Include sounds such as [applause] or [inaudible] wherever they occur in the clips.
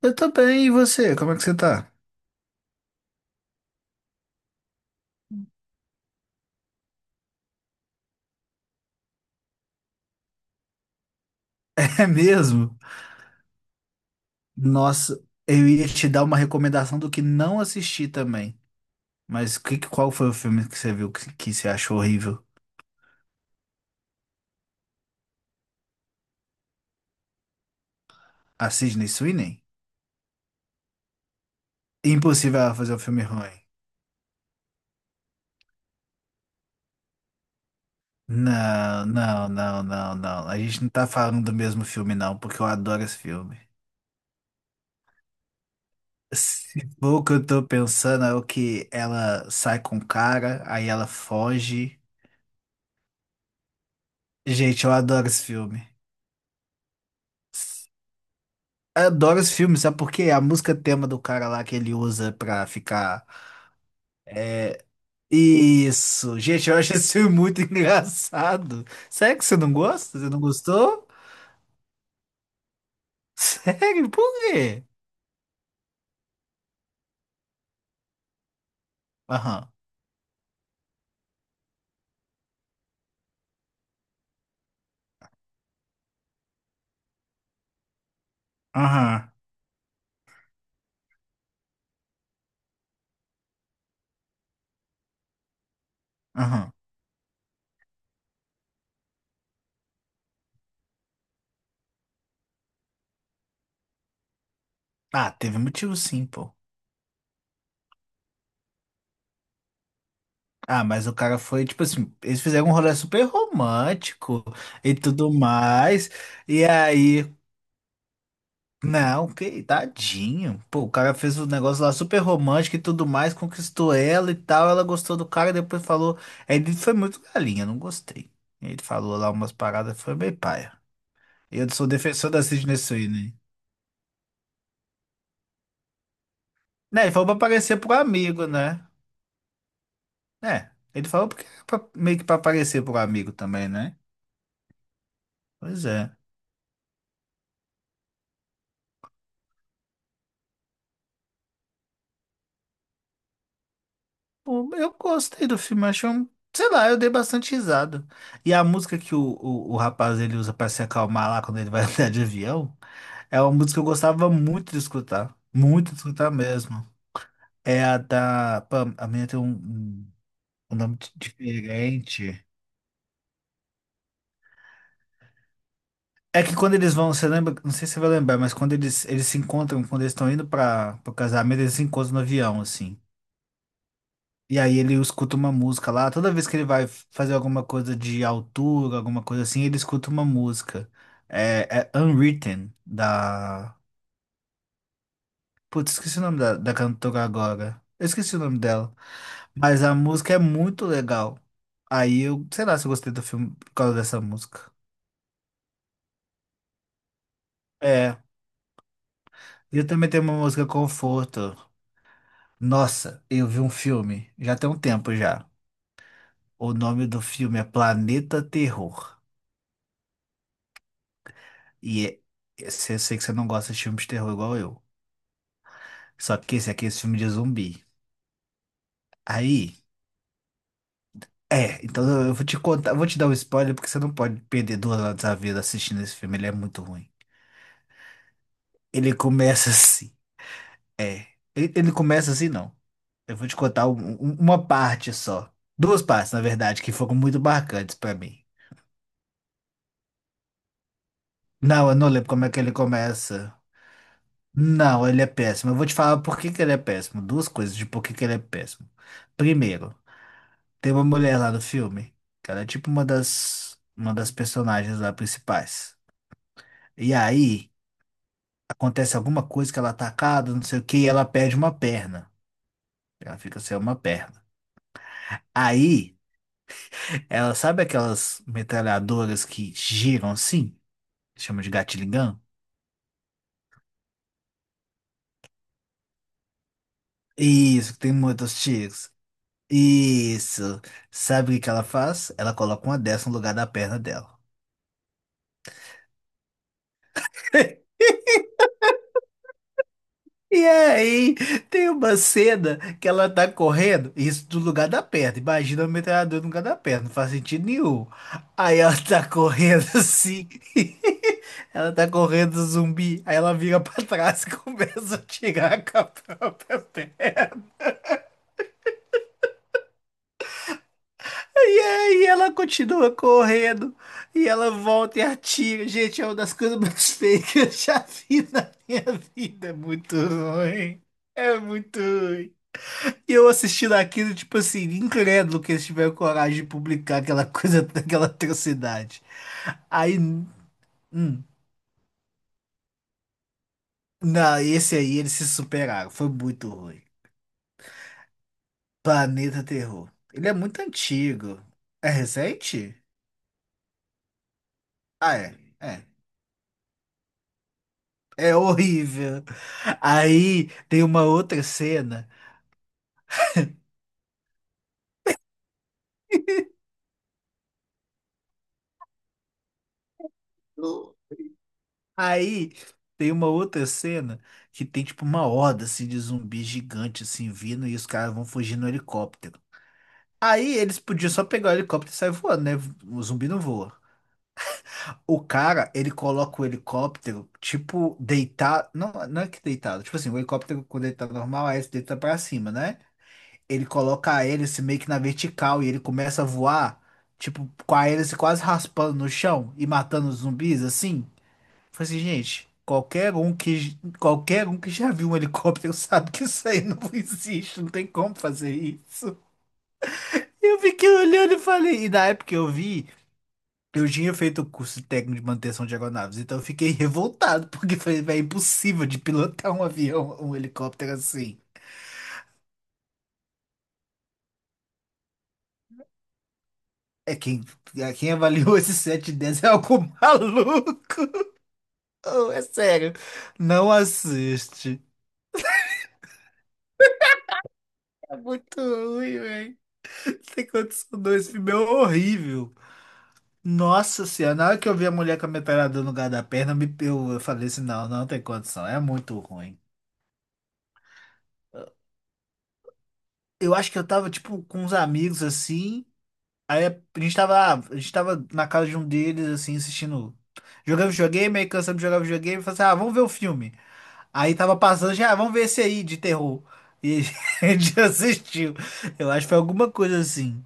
Eu tô bem, e você? Como é que você tá? [laughs] É mesmo? Nossa, eu ia te dar uma recomendação do que não assisti também. Mas qual foi o filme que você viu que você achou horrível? A Sydney Sweeney? Impossível ela fazer um filme ruim. Não, não, não, não, não. A gente não tá falando do mesmo filme, não, porque eu adoro esse filme. Se for o que eu tô pensando, é o que ela sai com o cara, aí ela foge. Gente, eu adoro esse filme. Adoro esse filme, sabe por quê? A música tema do cara lá que ele usa pra ficar. É. Isso! Gente, eu acho esse filme muito [laughs] engraçado. Sério que você não gosta? Você não gostou? Sério? Por quê? Aham, aham, aham. Ah, teve motivo sim, pô. Ah, mas o cara foi, tipo assim, eles fizeram um rolê super romântico e tudo mais. E aí. Não, que tadinho. Pô, o cara fez um negócio lá super romântico e tudo mais, conquistou ela e tal. Ela gostou do cara, depois falou. Ele foi muito galinha, não gostei. Ele falou lá umas paradas, foi meio paia. Eu sou defensor da Sidney Sweeney. Né, ele falou pra aparecer pro amigo, né? É, ele falou porque era meio que pra aparecer pro amigo também, né? Pois é. Pô, eu gostei do filme, achei um. Sei lá, eu dei bastante risada. E a música que o rapaz ele usa pra se acalmar lá quando ele vai [laughs] andar de avião. É uma música que eu gostava muito de escutar. Muito de escutar mesmo. É a da. Pam, a minha tem um nome diferente. É que quando eles vão, você lembra? Não sei se você vai lembrar, mas quando eles se encontram, quando eles estão indo para o casamento, eles se encontram no avião, assim. E aí ele escuta uma música lá. Toda vez que ele vai fazer alguma coisa de altura, alguma coisa assim, ele escuta uma música. É Unwritten, da. Putz, esqueci o nome da cantora agora. Eu esqueci o nome dela. Mas a música é muito legal. Aí eu, sei lá se eu gostei do filme por causa dessa música. É. E eu também tenho uma música conforto. Nossa, eu vi um filme, já tem um tempo já. O nome do filme é Planeta Terror. E é- eu sei que você não gosta de filmes de terror igual eu. Só que esse aqui é esse filme de zumbi. Aí, é, então eu vou te contar, vou te dar um spoiler porque você não pode perder 2 horas da vida assistindo esse filme, ele é muito ruim. Ele começa assim. Ele começa assim, não. Eu vou te contar uma parte só. Duas partes, na verdade, que foram muito marcantes pra mim. Não, eu não lembro como é que ele começa. Não, ele é péssimo. Eu vou te falar por que que ele é péssimo. Duas coisas de por que que ele é péssimo. Primeiro, tem uma mulher lá no filme, que ela é tipo uma das personagens lá principais. E aí, acontece alguma coisa que ela é atacada, não sei o que, e ela perde uma perna. Ela fica sem uma perna. Aí. Ela sabe aquelas metralhadoras que giram assim? Chama de gatilho gun? Isso, que tem muitos tiros. Isso. Sabe o que que ela faz? Ela coloca uma dessa no lugar da perna dela. [laughs] E aí, tem uma cena que ela tá correndo, isso do lugar da perna. Imagina o metralhador no lugar da perna, não faz sentido nenhum. Aí ela tá correndo assim, [laughs] ela tá correndo zumbi, aí ela vira pra trás [laughs] e começa a tirar com a própria perna. E aí ela continua correndo e ela volta e atira. Gente, é uma das coisas mais [laughs] feias que eu já vi na minha vida. É muito ruim. É muito ruim. E eu assistindo aquilo, tipo assim, incrédulo que eles tiveram coragem de publicar aquela [laughs] coisa, aquela atrocidade. Aí, hum, não, esse aí eles se superaram. Foi muito ruim. Planeta Terror. Ele é muito antigo. É recente? Ah, é. É. É horrível. Aí tem uma outra cena. No- Aí tem uma outra cena que tem tipo uma horda assim de zumbi gigante assim vindo e os caras vão fugir no helicóptero. Aí eles podiam só pegar o helicóptero e sair voando, né? O zumbi não voa. O cara, ele coloca o helicóptero, tipo, deitado. Não, não é que deitado. Tipo assim, o helicóptero quando ele tá normal, aí ele deita pra cima, né? Ele coloca a hélice meio que na vertical e ele começa a voar, tipo, com a hélice quase raspando no chão e matando os zumbis, assim. Falei assim, gente, qualquer um que já viu um helicóptero [laughs] sabe que isso aí não [laughs] existe, não tem como fazer isso. Eu fiquei olhando e falei, e na época que eu vi, eu tinha feito o curso técnico de manutenção de aeronaves, então eu fiquei revoltado, [laughs] porque falei, "Véi, é impossível de pilotar um avião, um helicóptero assim. É quem, é quem avaliou [laughs] esse sete de 10 é algo [laughs] maluco. Oh, é sério. Não assiste. É muito ruim, velho. Não tem condição não. Esse filme é horrível. Nossa senhora, na hora que eu vi a mulher com a metralhadora no lugar da perna, eu falei assim, não, não tem condição. É muito ruim. Eu acho que eu tava, tipo, com uns amigos, assim. A gente tava na casa de um deles, assim, assistindo. Jogando videogame, aí cansamos de jogar videogame. Falei assim, ah, vamos ver o filme. Aí tava passando, já, ah, vamos ver esse aí de terror. E [laughs] a gente assistiu. Eu acho que foi alguma coisa assim.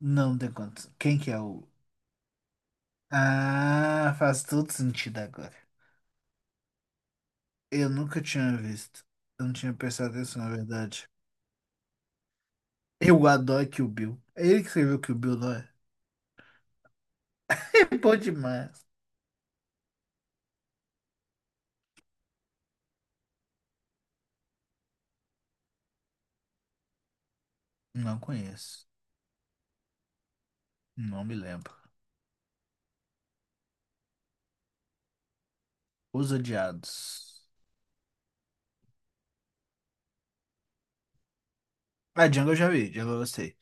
Não tem quanto. Quem que é o. Ah, faz todo sentido agora. Eu nunca tinha visto. Eu não tinha prestado atenção, na verdade. Eu adoro Kill Bill. É ele que escreveu Kill Bill, não é? É bom demais. Não conheço. Não me lembro. Os Odiados. Ah, Django eu já vi, Django eu gostei.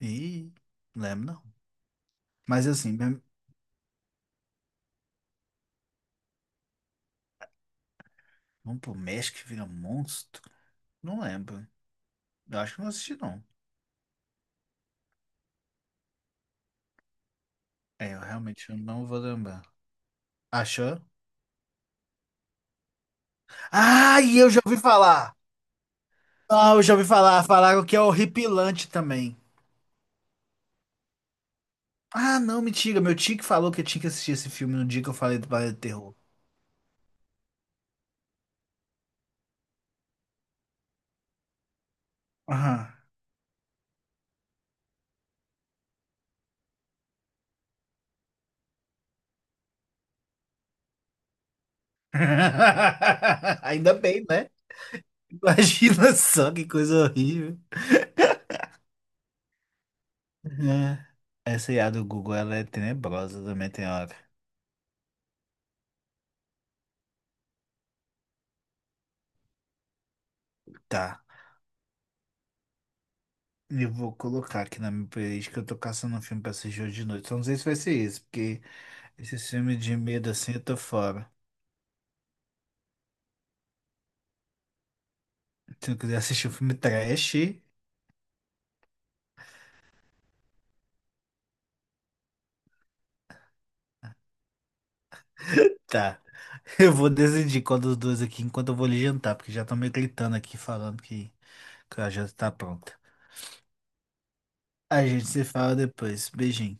Ih, não lembro não. Mas assim, vamos pro México que vira um monstro? Não lembro. Eu acho que não assisti, não. É, eu realmente não vou lembrar. Achou? Ah, e eu já ouvi falar! Ah, eu já ouvi falar. Falaram que é horripilante também. Ah, não, mentira. Meu tio que falou que eu tinha que assistir esse filme no dia que eu falei do Balé do Terror. Aham. [laughs] Ainda bem, né? Imagina só que coisa horrível. É. Essa IA do Google, ela é tenebrosa também, tem hora. Tá. Eu vou colocar aqui na minha playlist que eu tô caçando um filme pra assistir hoje de noite. Só não sei se vai ser esse, porque esse filme de medo assim eu tô fora. Se eu quiser assistir um filme trash, tá. [laughs] Eu vou decidir qual dos dois aqui enquanto eu vou lhe jantar, porque já estão me gritando aqui falando que a janta tá pronta. A gente se fala depois. Beijinho.